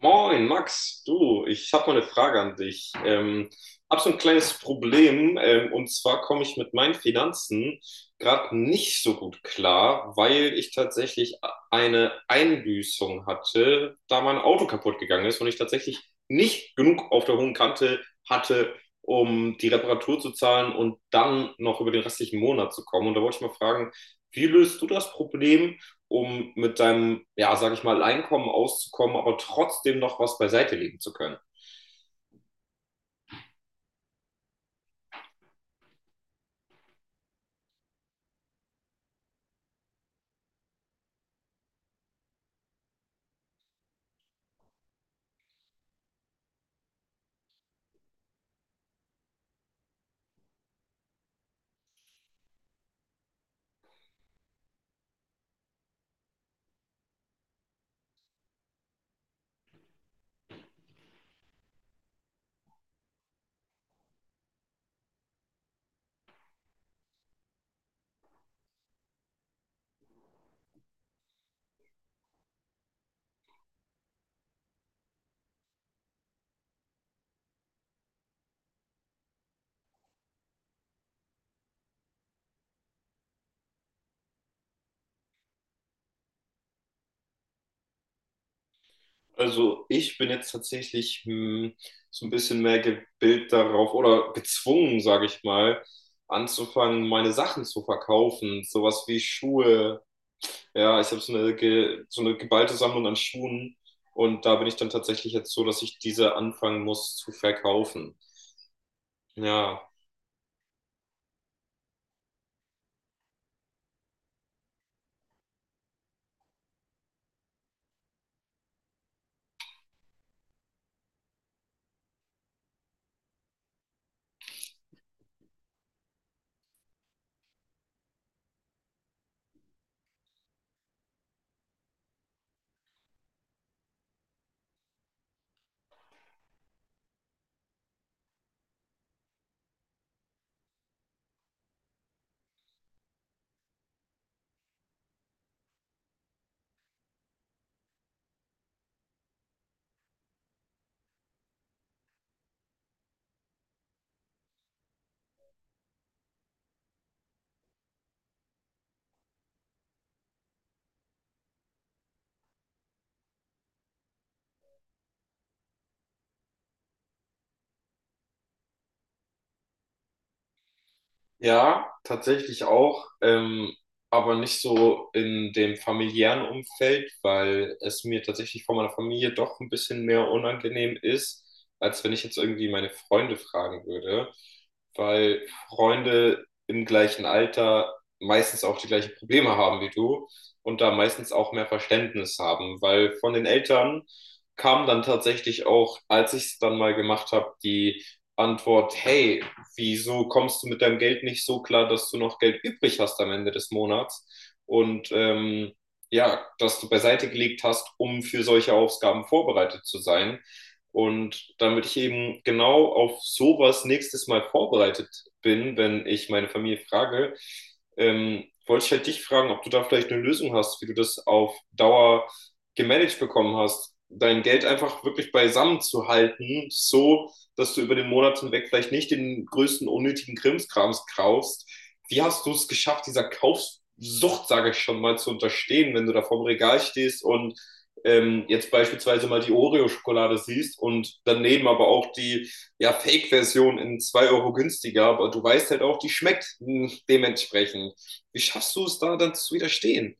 Moin, Max, du, ich habe mal eine Frage an dich. Hab so ein kleines Problem, und zwar komme ich mit meinen Finanzen gerade nicht so gut klar, weil ich tatsächlich eine Einbüßung hatte, da mein Auto kaputt gegangen ist und ich tatsächlich nicht genug auf der hohen Kante hatte, um die Reparatur zu zahlen und dann noch über den restlichen Monat zu kommen. Und da wollte ich mal fragen, wie löst du das Problem, um mit deinem, ja, sag ich mal, Einkommen auszukommen, aber trotzdem noch was beiseite legen zu können? Also ich bin jetzt tatsächlich so ein bisschen mehr gebildet darauf oder gezwungen, sage ich mal, anzufangen, meine Sachen zu verkaufen. Sowas wie Schuhe. Ja, ich habe so eine, so eine geballte Sammlung an Schuhen und da bin ich dann tatsächlich jetzt so, dass ich diese anfangen muss zu verkaufen. Ja, ja, tatsächlich auch, aber nicht so in dem familiären Umfeld, weil es mir tatsächlich von meiner Familie doch ein bisschen mehr unangenehm ist, als wenn ich jetzt irgendwie meine Freunde fragen würde, weil Freunde im gleichen Alter meistens auch die gleichen Probleme haben wie du und da meistens auch mehr Verständnis haben, weil von den Eltern kam dann tatsächlich auch, als ich es dann mal gemacht habe, die Antwort: hey, wieso kommst du mit deinem Geld nicht so klar, dass du noch Geld übrig hast am Ende des Monats und ja, dass du beiseite gelegt hast, um für solche Ausgaben vorbereitet zu sein. Und damit ich eben genau auf sowas nächstes Mal vorbereitet bin, wenn ich meine Familie frage, wollte ich halt dich fragen, ob du da vielleicht eine Lösung hast, wie du das auf Dauer gemanagt bekommen hast, dein Geld einfach wirklich beisammen zu halten, so dass du über den Monat hinweg vielleicht nicht den größten unnötigen Krimskrams kaufst. Wie hast du es geschafft, dieser Kaufsucht, sage ich schon mal, zu unterstehen, wenn du da vorm Regal stehst und jetzt beispielsweise mal die Oreo-Schokolade siehst und daneben aber auch die, ja, Fake-Version in 2 Euro günstiger, aber du weißt halt auch, die schmeckt, dementsprechend. Wie schaffst du es da dann zu widerstehen?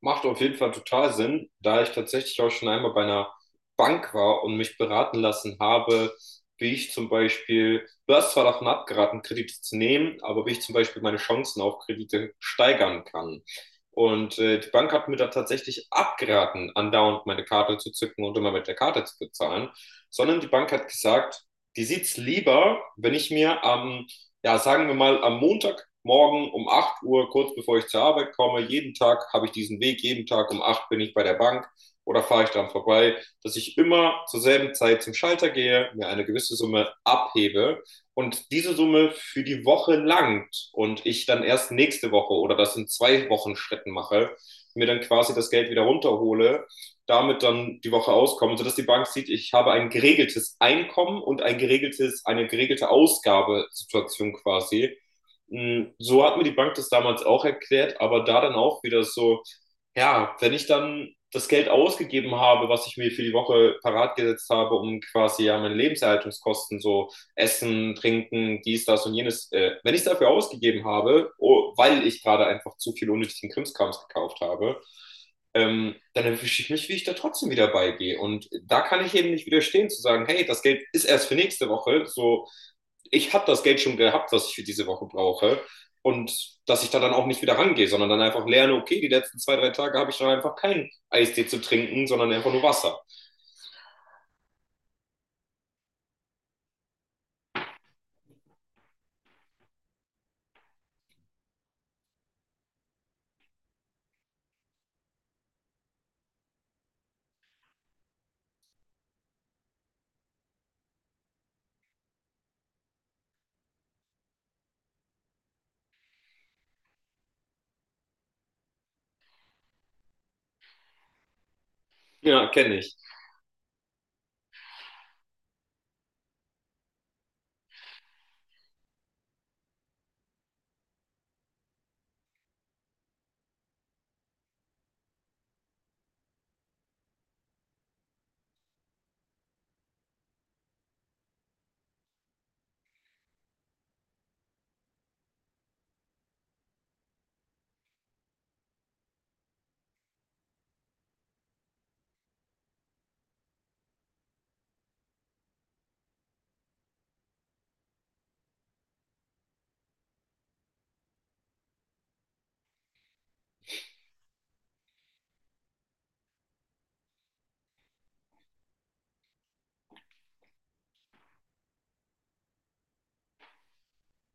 Macht auf jeden Fall total Sinn, da ich tatsächlich auch schon einmal bei einer Bank war und mich beraten lassen habe, wie ich zum Beispiel, du hast zwar davon abgeraten, Kredite zu nehmen, aber wie ich zum Beispiel meine Chancen auf Kredite steigern kann. Und die Bank hat mir da tatsächlich abgeraten, andauernd meine Karte zu zücken und immer mit der Karte zu bezahlen, sondern die Bank hat gesagt, die sieht's lieber, wenn ich mir am, ja, sagen wir mal, am Montagmorgen um 8 Uhr, kurz bevor ich zur Arbeit komme, jeden Tag habe ich diesen Weg, jeden Tag um 8 bin ich bei der Bank oder fahre ich dran vorbei, dass ich immer zur selben Zeit zum Schalter gehe, mir eine gewisse Summe abhebe und diese Summe für die Woche langt und ich dann erst nächste Woche oder das in zwei Wochen Schritten mache, mir dann quasi das Geld wieder runterhole, damit dann die Woche auskomme, sodass die Bank sieht, ich habe ein geregeltes Einkommen und ein geregeltes, eine geregelte Ausgabesituation quasi. So hat mir die Bank das damals auch erklärt, aber da dann auch wieder so, ja, wenn ich dann das Geld ausgegeben habe, was ich mir für die Woche parat gesetzt habe, um quasi, ja, meine Lebenserhaltungskosten, so Essen, Trinken, dies, das und jenes, wenn ich es dafür ausgegeben habe, oh, weil ich gerade einfach zu viel unnötigen Krimskrams gekauft habe, dann erwische ich mich, wie ich da trotzdem wieder beigehe. Und da kann ich eben nicht widerstehen, zu sagen, hey, das Geld ist erst für nächste Woche, so ich habe das Geld schon gehabt, was ich für diese Woche brauche. Und dass ich da dann auch nicht wieder rangehe, sondern dann einfach lerne, okay, die letzten zwei, drei Tage habe ich dann einfach keinen Eistee zu trinken, sondern einfach nur Wasser. Ja, kenne ich.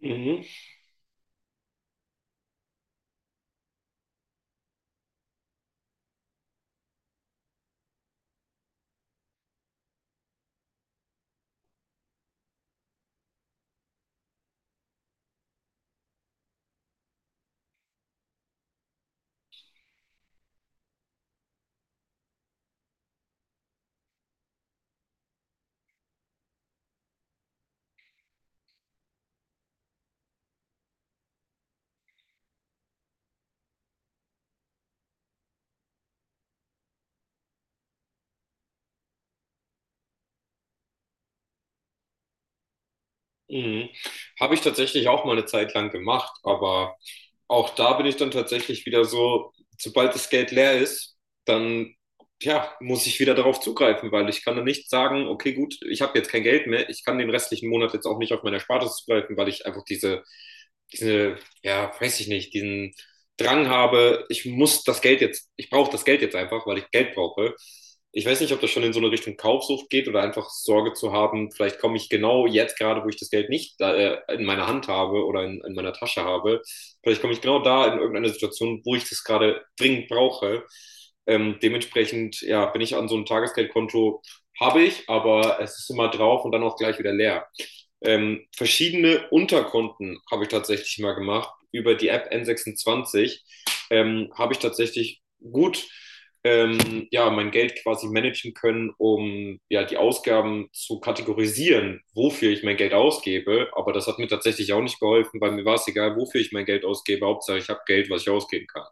Mhm. Mhm. Habe ich tatsächlich auch mal eine Zeit lang gemacht, aber auch da bin ich dann tatsächlich wieder so, sobald das Geld leer ist, dann, ja, muss ich wieder darauf zugreifen, weil ich kann dann nicht sagen, okay, gut, ich habe jetzt kein Geld mehr, ich kann den restlichen Monat jetzt auch nicht auf meine Erspartes zugreifen, weil ich einfach diese, ja, weiß ich nicht, diesen Drang habe, ich muss das Geld jetzt, ich brauche das Geld jetzt einfach, weil ich Geld brauche. Ich weiß nicht, ob das schon in so eine Richtung Kaufsucht geht oder einfach Sorge zu haben, vielleicht komme ich genau jetzt gerade, wo ich das Geld nicht in meiner Hand habe oder in meiner Tasche habe, vielleicht komme ich genau da in irgendeine Situation, wo ich das gerade dringend brauche. Dementsprechend, ja, bin ich an so einem Tagesgeldkonto, habe ich, aber es ist immer drauf und dann auch gleich wieder leer. Verschiedene Unterkonten habe ich tatsächlich mal gemacht. Über die App N26 habe ich tatsächlich gut, ja, mein Geld quasi managen können, um, ja, die Ausgaben zu kategorisieren, wofür ich mein Geld ausgebe. Aber das hat mir tatsächlich auch nicht geholfen, weil mir war es egal, wofür ich mein Geld ausgebe. Hauptsache, ich habe Geld, was ich ausgeben kann.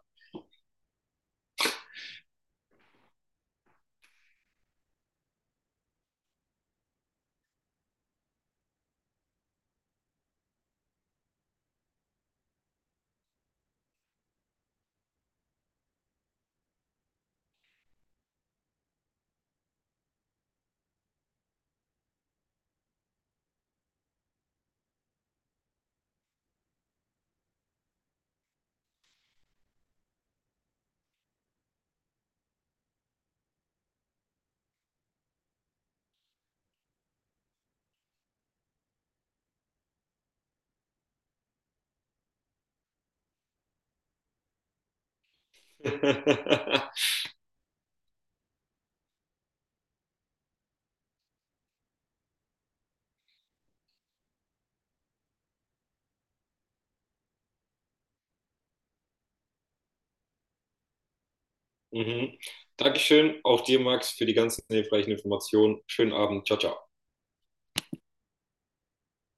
Mhm. Dankeschön, auch dir, Max, für die ganzen hilfreichen Informationen. Schönen Abend. Ciao, ciao.